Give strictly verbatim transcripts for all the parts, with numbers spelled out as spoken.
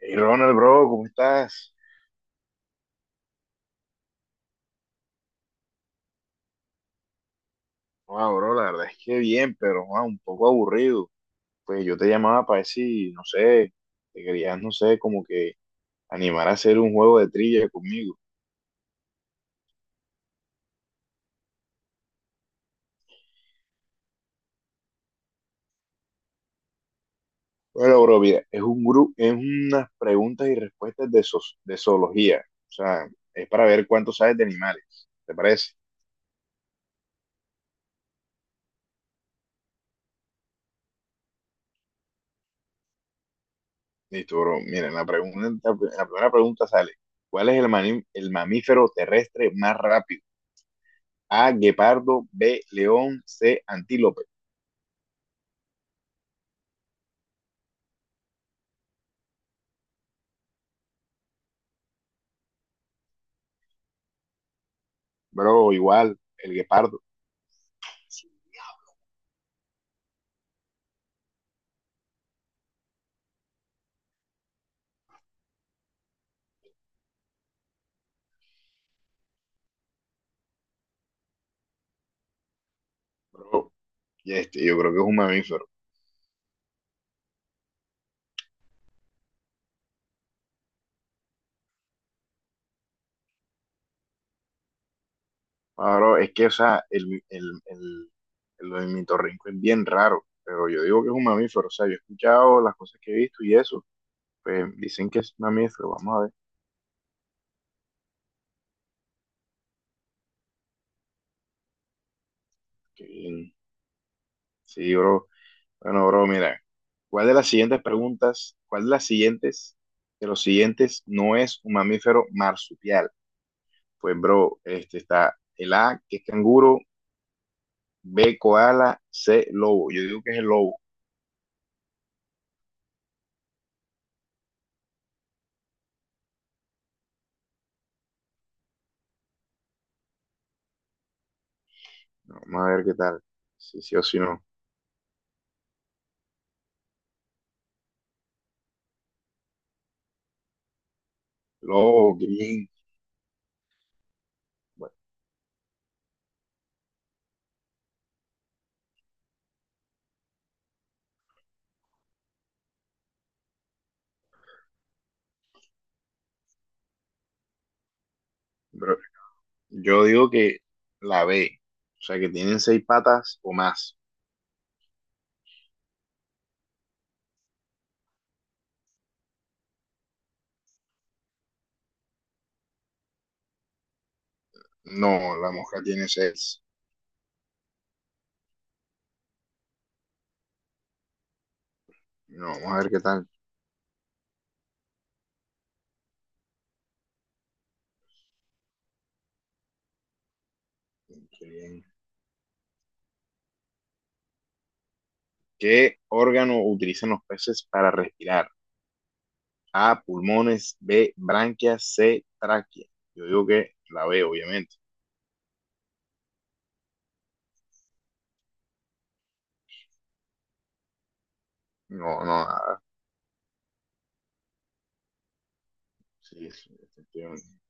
Hey Ronald, bro, ¿cómo estás? Wow, bro, la verdad es que bien, pero wow, un poco aburrido. Pues yo te llamaba para decir, no sé, te querías, no sé, como que animar a hacer un juego de trivia conmigo. Bueno, bro, mira, es un grupo, es unas preguntas y respuestas de, zoos- de zoología. O sea, es para ver cuánto sabes de animales. ¿Te parece? Listo, bro. Mira, en la pregunta, en la primera pregunta sale, ¿cuál es el, mani- el mamífero terrestre más rápido? A, guepardo, B, león, C, antílope. Bro, igual, el guepardo, bro. Y este, yo creo que es un mamífero. Ah, bro, es que, o sea, el, el, el, el, el ornitorrinco es bien raro, pero yo digo que es un mamífero. O sea, yo he escuchado las cosas que he visto y eso, pues dicen que es mamífero. Vamos a ver. Qué bien. Sí, bro. Bueno, bro, mira, ¿cuál de las siguientes preguntas, cuál de las siguientes, de los siguientes no es un mamífero marsupial? Pues, bro, este está el A, que es canguro, B, koala, C, lobo. Yo digo que es el lobo. Vamos a ver qué tal. Si sí o si no. Lobo, Green. Bueno, bro, yo digo que la B. O sea, que tienen seis patas o más. No, la mosca tiene seis. No, vamos a ver qué tal. Qué bien. ¿Qué órgano utilizan los peces para respirar? A, pulmones, B, branquias, C, tráquea. Yo digo que la B, obviamente. No, no, a- sí, sí, efectivamente.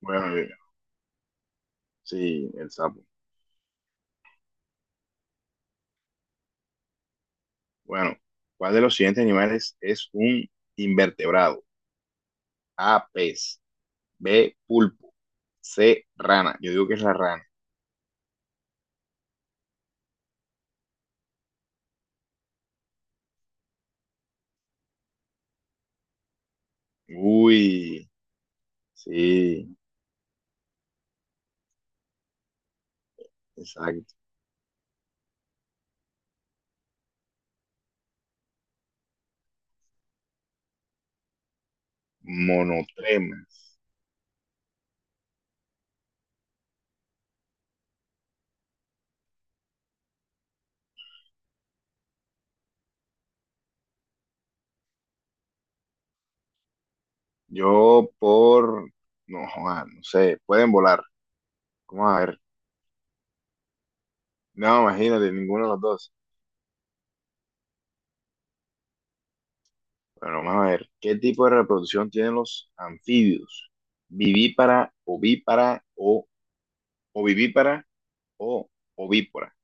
Bueno, yo- sí, el sapo. Bueno, ¿cuál de los siguientes animales es un invertebrado? A, pez. B, pulpo. C, rana. Yo digo que es la rana. Uy, sí, exacto. Monotremas. Yo por, no, joda, no sé, pueden volar. Vamos a ver. No, imagínate, ninguno de los dos. Bueno, vamos a ver. ¿Qué tipo de reproducción tienen los anfibios? Vivípara, ovípara o ovivípara o ovípora.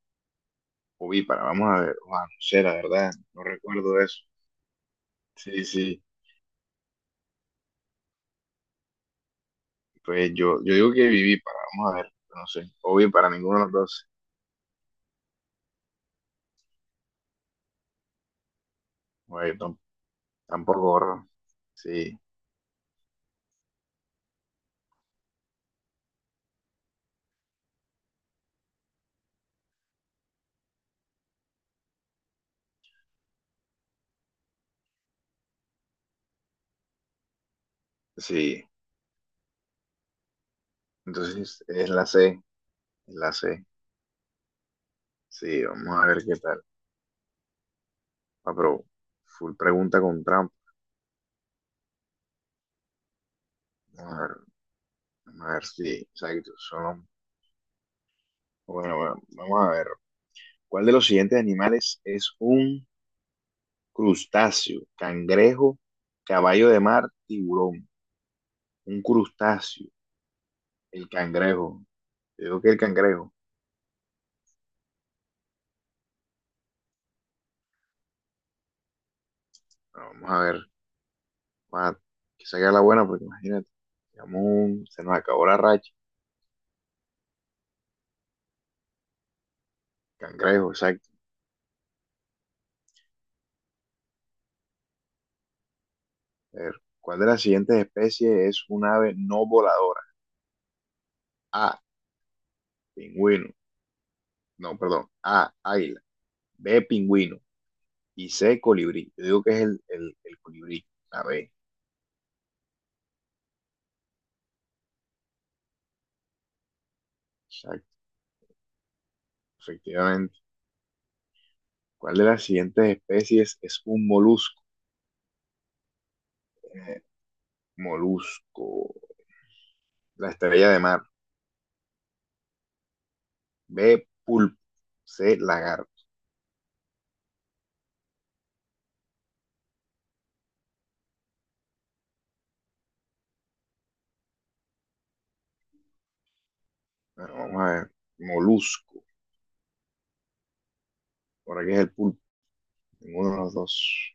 Ovípara, vamos a ver. Joda, no sé, la verdad, no recuerdo eso. Sí, sí. Pues yo, yo digo que viví para, vamos a ver, no sé, obvio para ninguno de los dos, güey tam- tampoco gorro, sí, sí, entonces es la C, es la C, sí, vamos a ver qué tal, ah, pero full pregunta con trampa, vamos a ver, vamos a ver si, exacto, son, bueno, bueno, vamos a ver, ¿cuál de los siguientes animales es un crustáceo? Cangrejo, caballo de mar, tiburón, un crustáceo, el cangrejo, yo digo que el cangrejo. Bueno, vamos a ver. Bueno, que salga la buena, porque imagínate, digamos, un- se nos acabó la racha. Cangrejo, exacto. A ver, ¿cuál de las siguientes especies es un ave no voladora? A, pingüino. No, perdón. A, águila. B, pingüino. Y C, colibrí. Yo digo que es el, el, el colibrí, la B. Exacto, efectivamente. ¿Cuál de las siguientes especies es un molusco? Eh, molusco. La estrella de mar. B, pulpo. C, lagarto. Bueno, vamos a ver. Molusco. Por qué es el pulpo. Ninguno de los dos.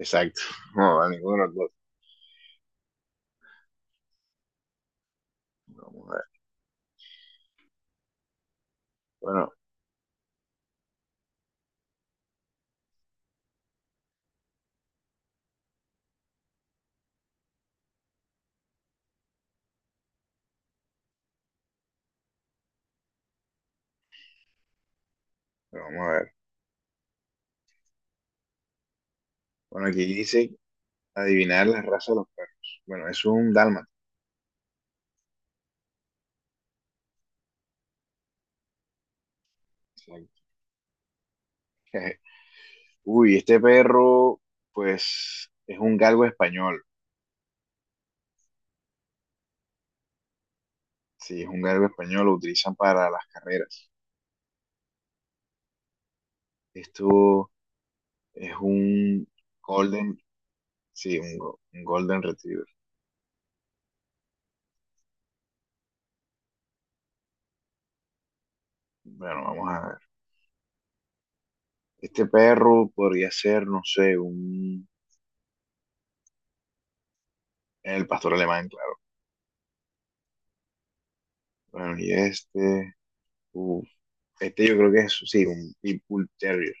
Exacto. No, a ninguno de los dos. Vamos a ver. Bueno, pero vamos a ver. Bueno, aquí dice adivinar la raza de los perros. Bueno, es un dálmata. Exacto. Uy, este perro, pues, es un galgo español. Sí, es un galgo español, lo utilizan para las carreras. Esto es un golden, sí, un, go- un golden retriever. Bueno, vamos a ver. Este perro podría ser, no sé, un... El pastor alemán, claro. Bueno, y este... uf, este yo creo que es, sí, un Pitbull Terrier.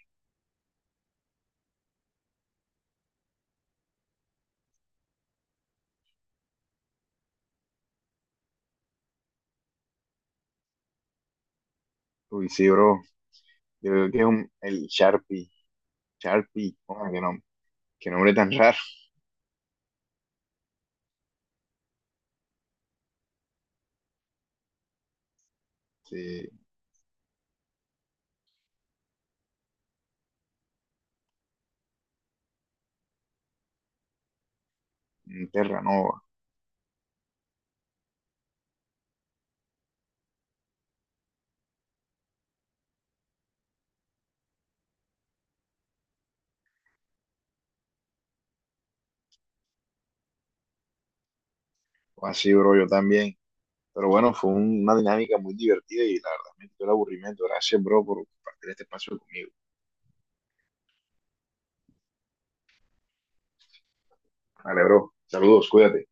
Uy, sí, bro. Yo creo que es un, el Sharpie. Sharpie, oh, qué nombre, qué nombre tan raro. Sí, un Terranova. O así, bro, yo también. Pero bueno, fue un- una dinámica muy divertida y la verdad me quitó el aburrimiento. Gracias, bro, por compartir este espacio conmigo. Vale, bro. Saludos, cuídate.